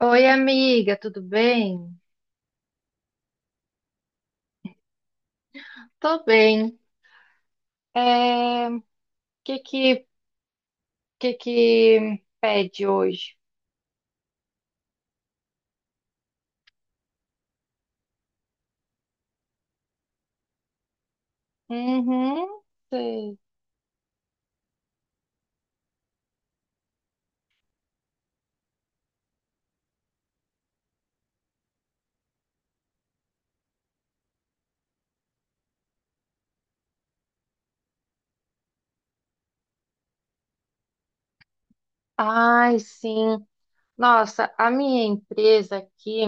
Oi, amiga, tudo bem? Tô bem. O que que, que que pede hoje? Uhum, sei. Ai, sim. Nossa, a minha empresa aqui,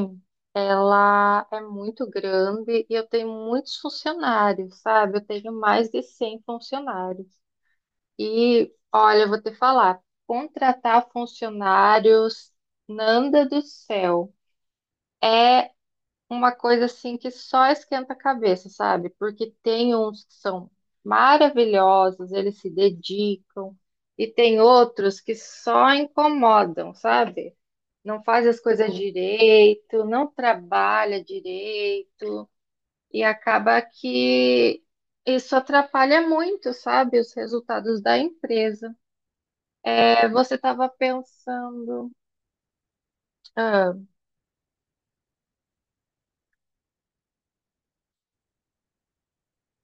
ela é muito grande e eu tenho muitos funcionários, sabe? Eu tenho mais de 100 funcionários. E, olha, eu vou te falar, contratar funcionários, Nanda do céu. Uma coisa assim que só esquenta a cabeça, sabe? Porque tem uns que são maravilhosos, eles se dedicam, e tem outros que só incomodam, sabe? Não faz as coisas direito, não trabalha direito, e acaba que isso atrapalha muito, sabe? Os resultados da empresa. É, você estava pensando, ah,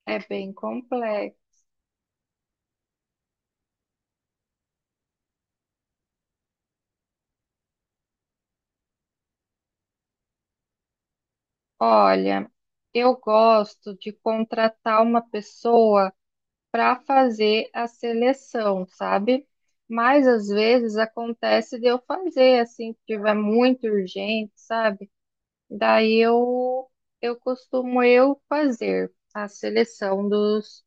é bem complexo. Olha, eu gosto de contratar uma pessoa para fazer a seleção, sabe? Mas às vezes acontece de eu fazer assim, se tiver muito urgente, sabe? Daí eu costumo eu fazer a seleção dos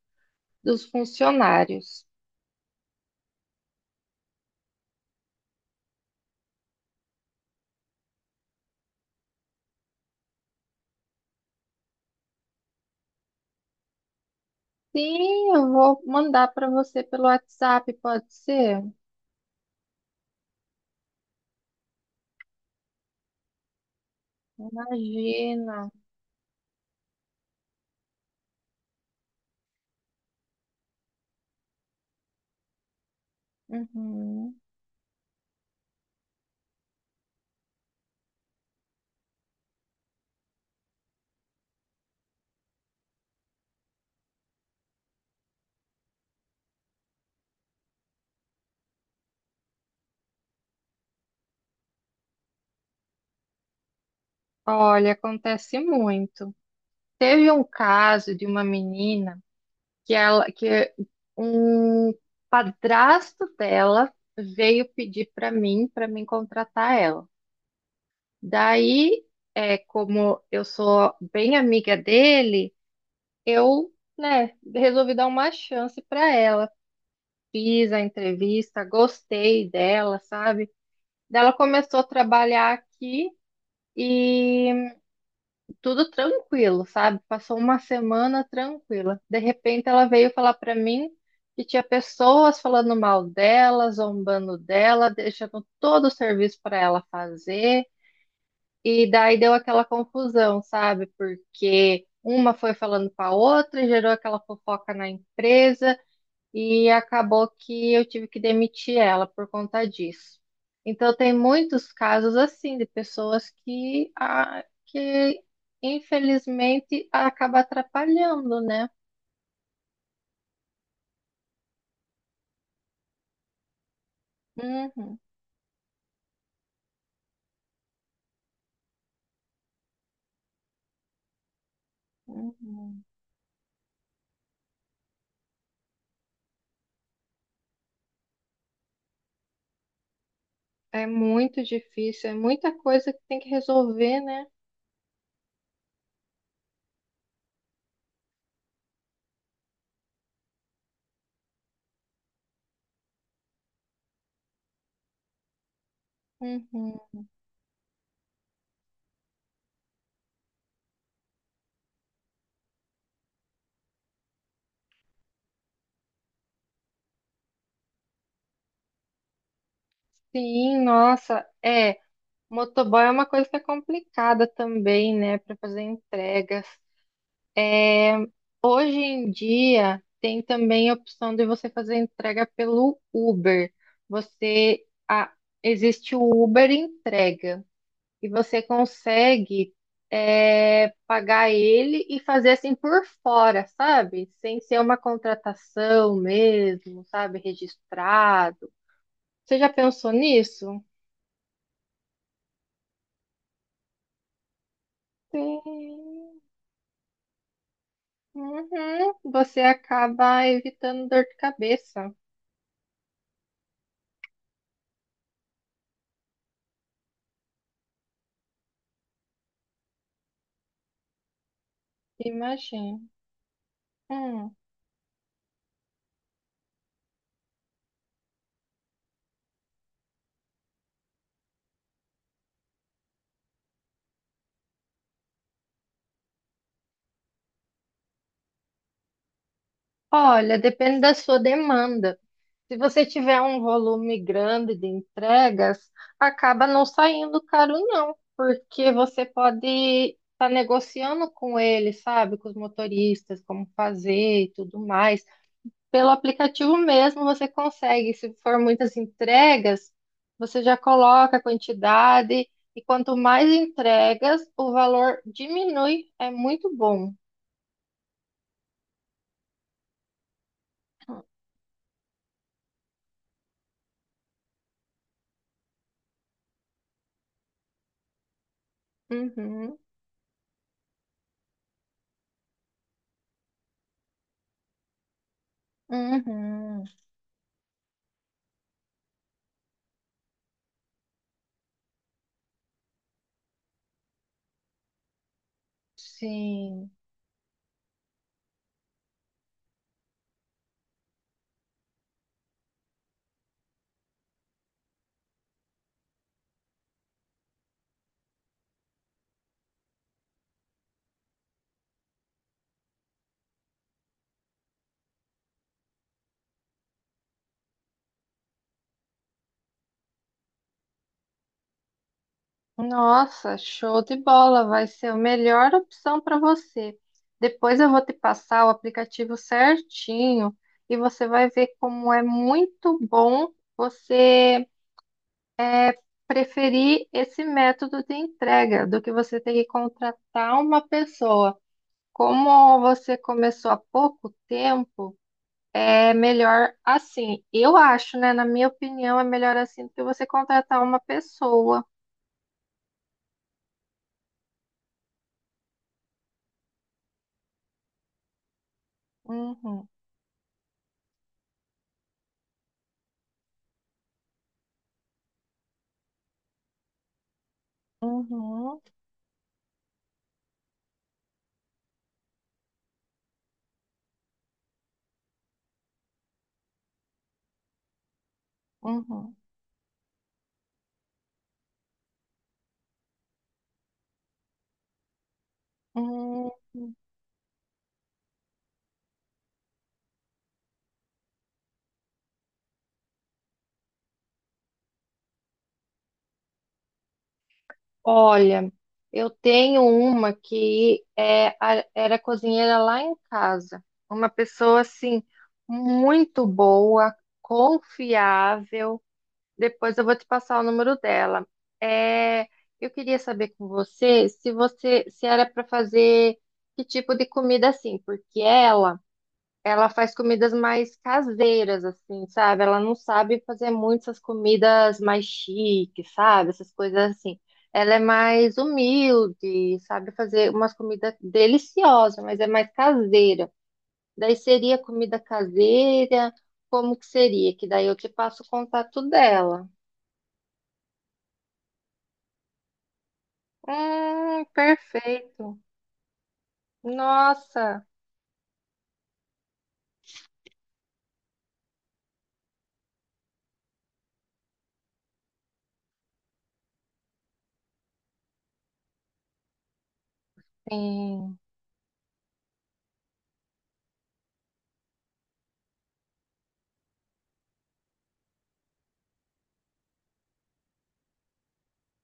dos funcionários. Sim, eu vou mandar para você pelo WhatsApp, pode ser? Imagina. Uhum. Olha, acontece muito. Teve um caso de uma menina que ela que um padrasto dela veio pedir para mim para me contratar ela. Daí, como eu sou bem amiga dele, eu, né, resolvi dar uma chance para ela. Fiz a entrevista, gostei dela, sabe? Daí ela começou a trabalhar aqui e tudo tranquilo, sabe? Passou uma semana tranquila. De repente ela veio falar pra mim que tinha pessoas falando mal dela, zombando dela, deixando todo o serviço pra ela fazer. E daí deu aquela confusão, sabe? Porque uma foi falando pra outra e gerou aquela fofoca na empresa e acabou que eu tive que demitir ela por conta disso. Então, tem muitos casos assim de pessoas que, ah, que infelizmente, acaba atrapalhando, né? Uhum, uhum. É muito difícil, é muita coisa que tem que resolver, né? Uhum. Sim, nossa, é. Motoboy é uma coisa que é complicada também, né, para fazer entregas. Hoje em dia tem também a opção de você fazer entrega pelo Uber. Você a- existe o Uber entrega e você consegue pagar ele e fazer assim por fora, sabe? Sem ser uma contratação mesmo, sabe? Registrado. Você já pensou nisso? Sim. Uhum. Você acaba evitando dor de cabeça. Imagina. Hum. Olha, depende da sua demanda. Se você tiver um volume grande de entregas, acaba não saindo caro, não, porque você pode estar negociando com eles, sabe, com os motoristas, como fazer e tudo mais. Pelo aplicativo mesmo você consegue. Se for muitas entregas, você já coloca a quantidade e quanto mais entregas, o valor diminui. É muito bom. Uhum, uhum, sim. Nossa, show de bola, vai ser a melhor opção para você. Depois eu vou te passar o aplicativo certinho e você vai ver como é muito bom você preferir esse método de entrega do que você ter que contratar uma pessoa. Como você começou há pouco tempo, é melhor assim. Eu acho, né? Na minha opinião, é melhor assim do que você contratar uma pessoa. Uhum, uhum, uhum. Hum. Olha, eu tenho uma que era cozinheira lá em casa. Uma pessoa assim, muito boa, confiável. Depois eu vou te passar o número dela. É, eu queria saber com você se era para fazer que tipo de comida assim, porque ela faz comidas mais caseiras, assim, sabe? Ela não sabe fazer muitas comidas mais chiques, sabe? Essas coisas assim. Ela é mais humilde, sabe? Fazer umas comidas deliciosas, mas é mais caseira. Daí seria comida caseira, como que seria? Que daí eu te passo o contato dela. Perfeito. Nossa, sim.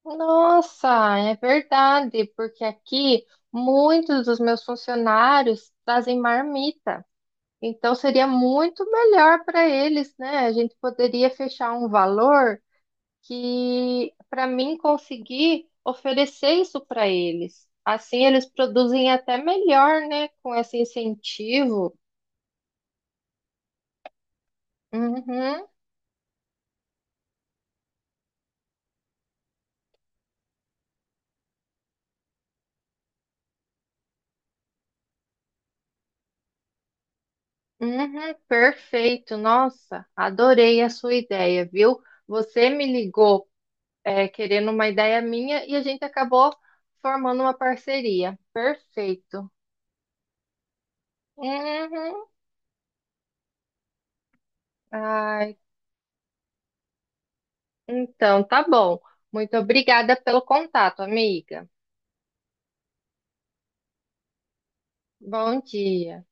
Nossa, é verdade, porque aqui muitos dos meus funcionários trazem marmita. Então seria muito melhor para eles, né? A gente poderia fechar um valor que para mim conseguir oferecer isso para eles. Assim eles produzem até melhor, né? Com esse incentivo. Uhum, uhum, perfeito. Nossa, adorei a sua ideia, viu? Você me ligou querendo uma ideia minha e a gente acabou formando uma parceria. Perfeito. Uhum. Ai, então, tá bom. Muito obrigada pelo contato, amiga. Bom dia.